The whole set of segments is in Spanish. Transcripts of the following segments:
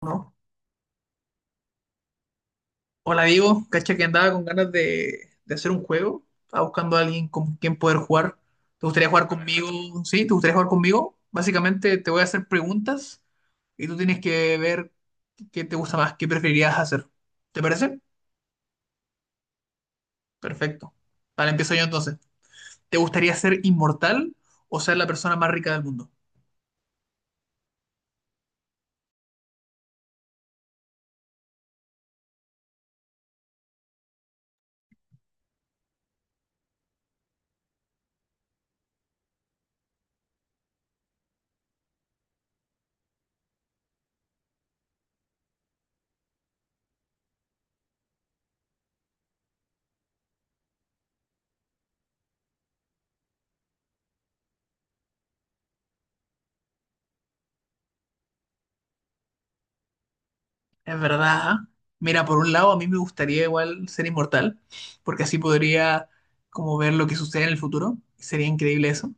¿No? Hola Diego, cacha que andaba con ganas de hacer un juego. Estaba buscando a alguien con quien poder jugar. ¿Te gustaría jugar conmigo? ¿Sí? ¿Te gustaría jugar conmigo? Básicamente te voy a hacer preguntas y tú tienes que ver qué te gusta más, qué preferirías hacer. ¿Te parece? Perfecto. Vale, empiezo yo entonces. ¿Te gustaría ser inmortal o ser la persona más rica del mundo? Es verdad. Mira, por un lado, a mí me gustaría igual ser inmortal, porque así podría como ver lo que sucede en el futuro. Sería increíble eso.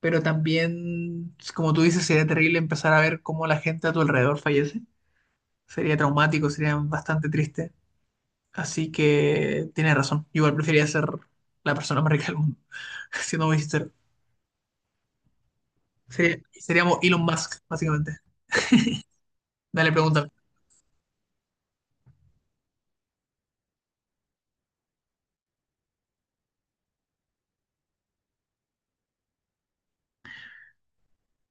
Pero también, pues, como tú dices, sería terrible empezar a ver cómo la gente a tu alrededor fallece. Sería traumático, sería bastante triste. Así que tienes razón. Igual preferiría ser la persona más rica del mundo, siendo muy sincero. Seríamos Elon Musk, básicamente. Dale, pregunta.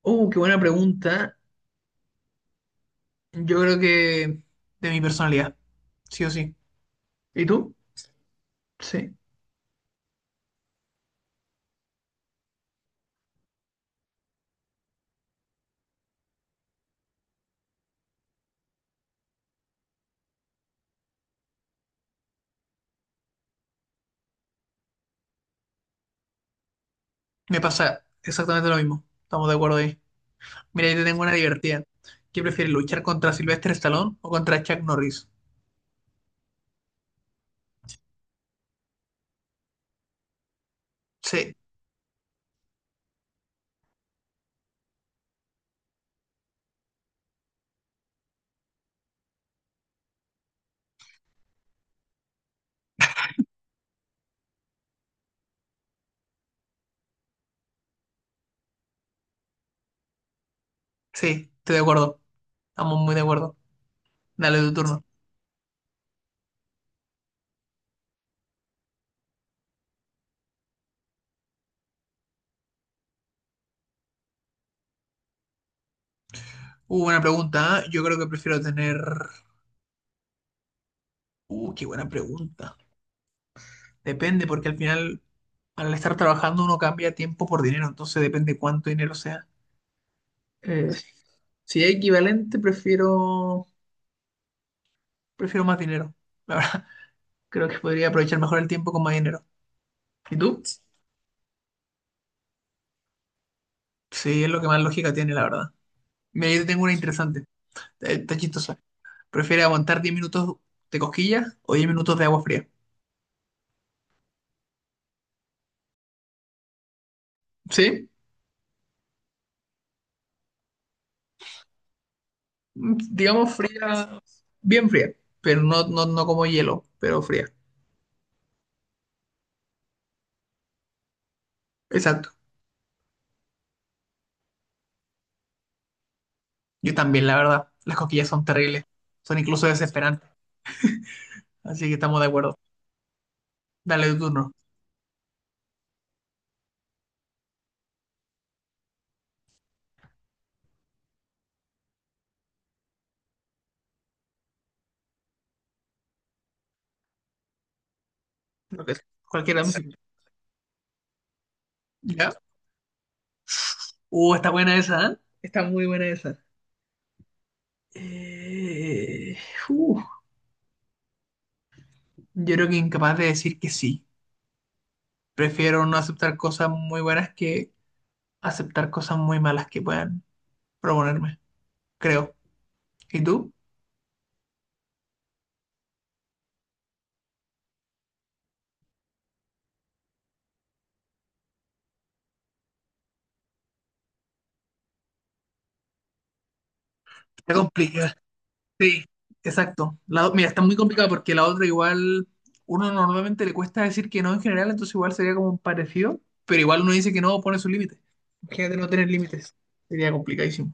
Qué buena pregunta. Yo creo que de mi personalidad, sí o sí. ¿Y tú? Sí. Me pasa exactamente lo mismo. Estamos de acuerdo ahí. Mira, yo te tengo una divertida. ¿Qué prefieres, luchar contra Sylvester Stallone o contra Chuck Norris? Sí, sí, estoy de acuerdo. Estamos muy de acuerdo. Dale tu turno. Buena pregunta. ¿Eh? Yo creo que prefiero tener. Qué buena pregunta. Depende, porque al final, al estar trabajando, uno cambia tiempo por dinero, entonces depende cuánto dinero sea. Eh, si es equivalente, prefiero. Prefiero más dinero. La verdad, creo que podría aprovechar mejor el tiempo con más dinero. ¿Y tú? Sí, es lo que más lógica tiene, la verdad. Mira, yo te tengo una interesante. Está chistosa. ¿Prefieres aguantar 10 minutos de cosquillas o 10 minutos de agua fría? Sí, mm, digamos fría, bien fría, pero no como hielo, pero fría. Exacto. Yo también, la verdad. Las cosquillas son terribles, son incluso desesperantes, así que estamos de acuerdo. Dale tu turno. Lo que sea. Cualquiera. Me ¿Ya? Está buena esa, ¿eh? Está muy buena esa. Eh, uh, yo creo que incapaz de decir que sí. Prefiero no aceptar cosas muy buenas que aceptar cosas muy malas que puedan proponerme, creo. ¿Y tú? Está complicado. Sí, exacto. Mira, está muy complicado porque la otra igual, uno normalmente le cuesta decir que no en general, entonces igual sería como un parecido, pero igual uno dice que no, pone sus límites. Imagínate no tener límites, sería complicadísimo.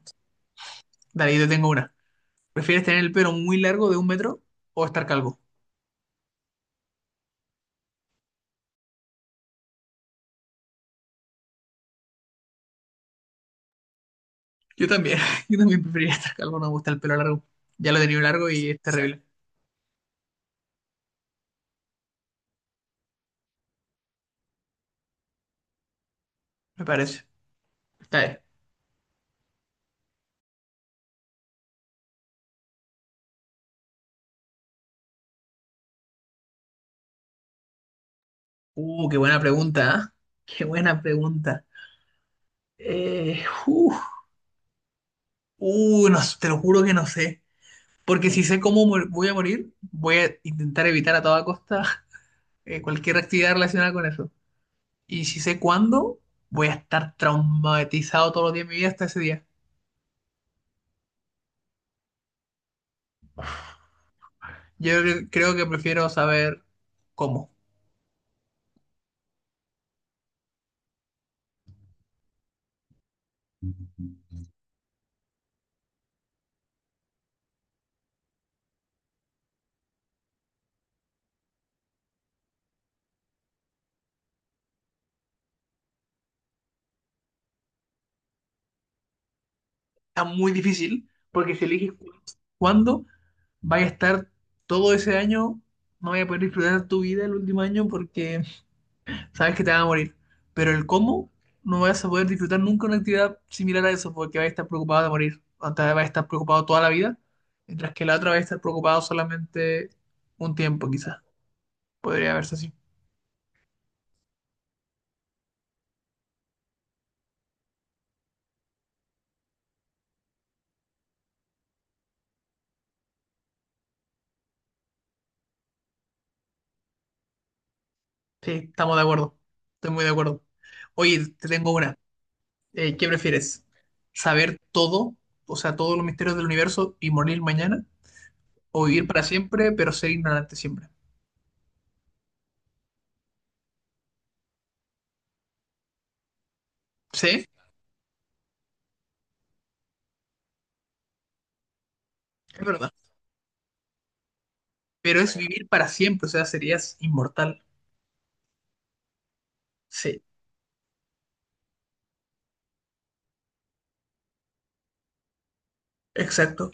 Dale, yo te tengo una. ¿Prefieres tener el pelo muy largo de un metro o estar calvo? Yo también, yo también preferiría estar calvo, no me gusta el pelo largo. Ya lo he tenido largo y es terrible, me parece. Está bien. Qué buena pregunta, ¿ah? Qué buena pregunta. Eh, uh, no, te lo juro que no sé. Porque si sé voy a morir, voy a intentar evitar a toda costa cualquier actividad relacionada con eso. Y si sé cuándo, voy a estar traumatizado todos los días de mi vida hasta ese día. Creo que prefiero saber cómo. Está muy difícil porque si cuándo, vaya a estar todo ese año, no voy a poder disfrutar tu vida el último año porque sabes que te vas a morir. Pero el cómo, no vas a poder disfrutar nunca una actividad similar a eso, porque vas a estar preocupado de morir. Antes vas a estar preocupado toda la vida, mientras que la otra va a estar preocupado solamente un tiempo, quizás. Podría verse así. Sí, estamos de acuerdo. Estoy muy de acuerdo. Oye, te tengo una. ¿Qué prefieres? ¿Saber todo, o sea, todos los misterios del universo y morir mañana? ¿O vivir para siempre, pero ser ignorante siempre? Sí, es verdad. Pero es vivir para siempre, o sea, serías inmortal. Sí, exacto.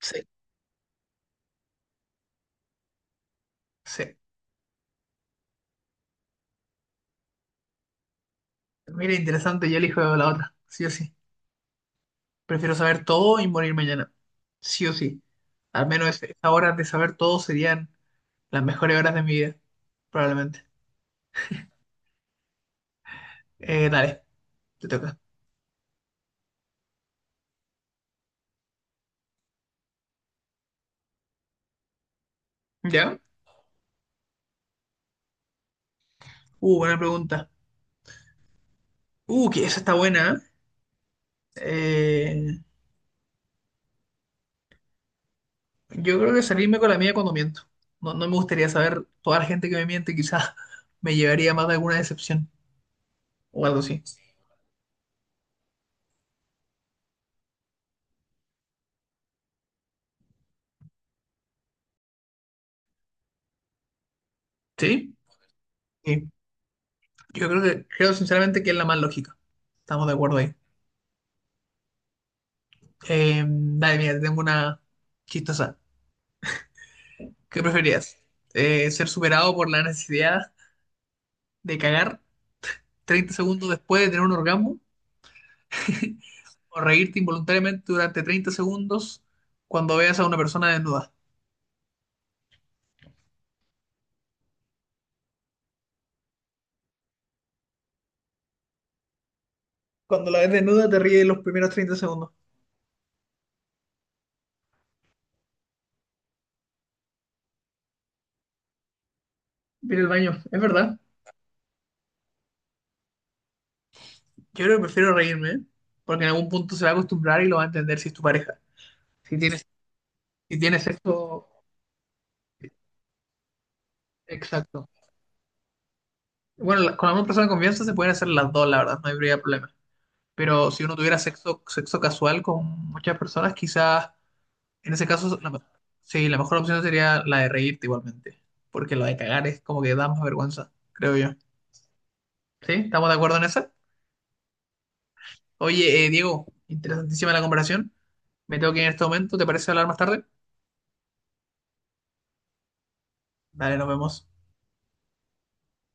Sí. Sí. Mira, interesante, yo elijo la otra, sí o sí. Prefiero saber todo y morir mañana, sí o sí. Al menos esas horas de saber todo serían las mejores horas de mi vida, probablemente. Dale, te toca. ¿Ya? Buena pregunta. Que esa está buena. ¿Eh? Yo creo que salirme con la mía cuando miento. No, no me gustaría saber toda la gente que me miente, quizás me llevaría más de alguna decepción o algo así. ¿Sí? Sí. Yo creo que, creo sinceramente que es la más lógica. Estamos de acuerdo ahí. Dale, mira, te tengo una chistosa. ¿Qué preferirías? ¿Ser superado por la necesidad de cagar 30 segundos después de tener un orgasmo? ¿O reírte involuntariamente durante 30 segundos cuando veas a una persona desnuda? Cuando la ves desnuda te ríes los primeros 30 segundos. Mira el baño, es verdad. Yo creo que prefiero reírme, ¿eh? Porque en algún punto se va a acostumbrar y lo va a entender si es tu pareja. Si tienes, si tienes sexo, exacto. Bueno, con la misma persona de confianza se pueden hacer las dos, la verdad, no habría problema. Pero si uno tuviera sexo, sexo casual con muchas personas, quizás en ese caso, sí, la mejor opción sería la de reírte igualmente. Porque la de cagar es como que da más vergüenza, creo yo. ¿Sí? ¿Estamos de acuerdo en esa? Oye, Diego, interesantísima la conversación. Me tengo que ir en este momento, ¿te parece hablar más tarde? Dale, nos vemos.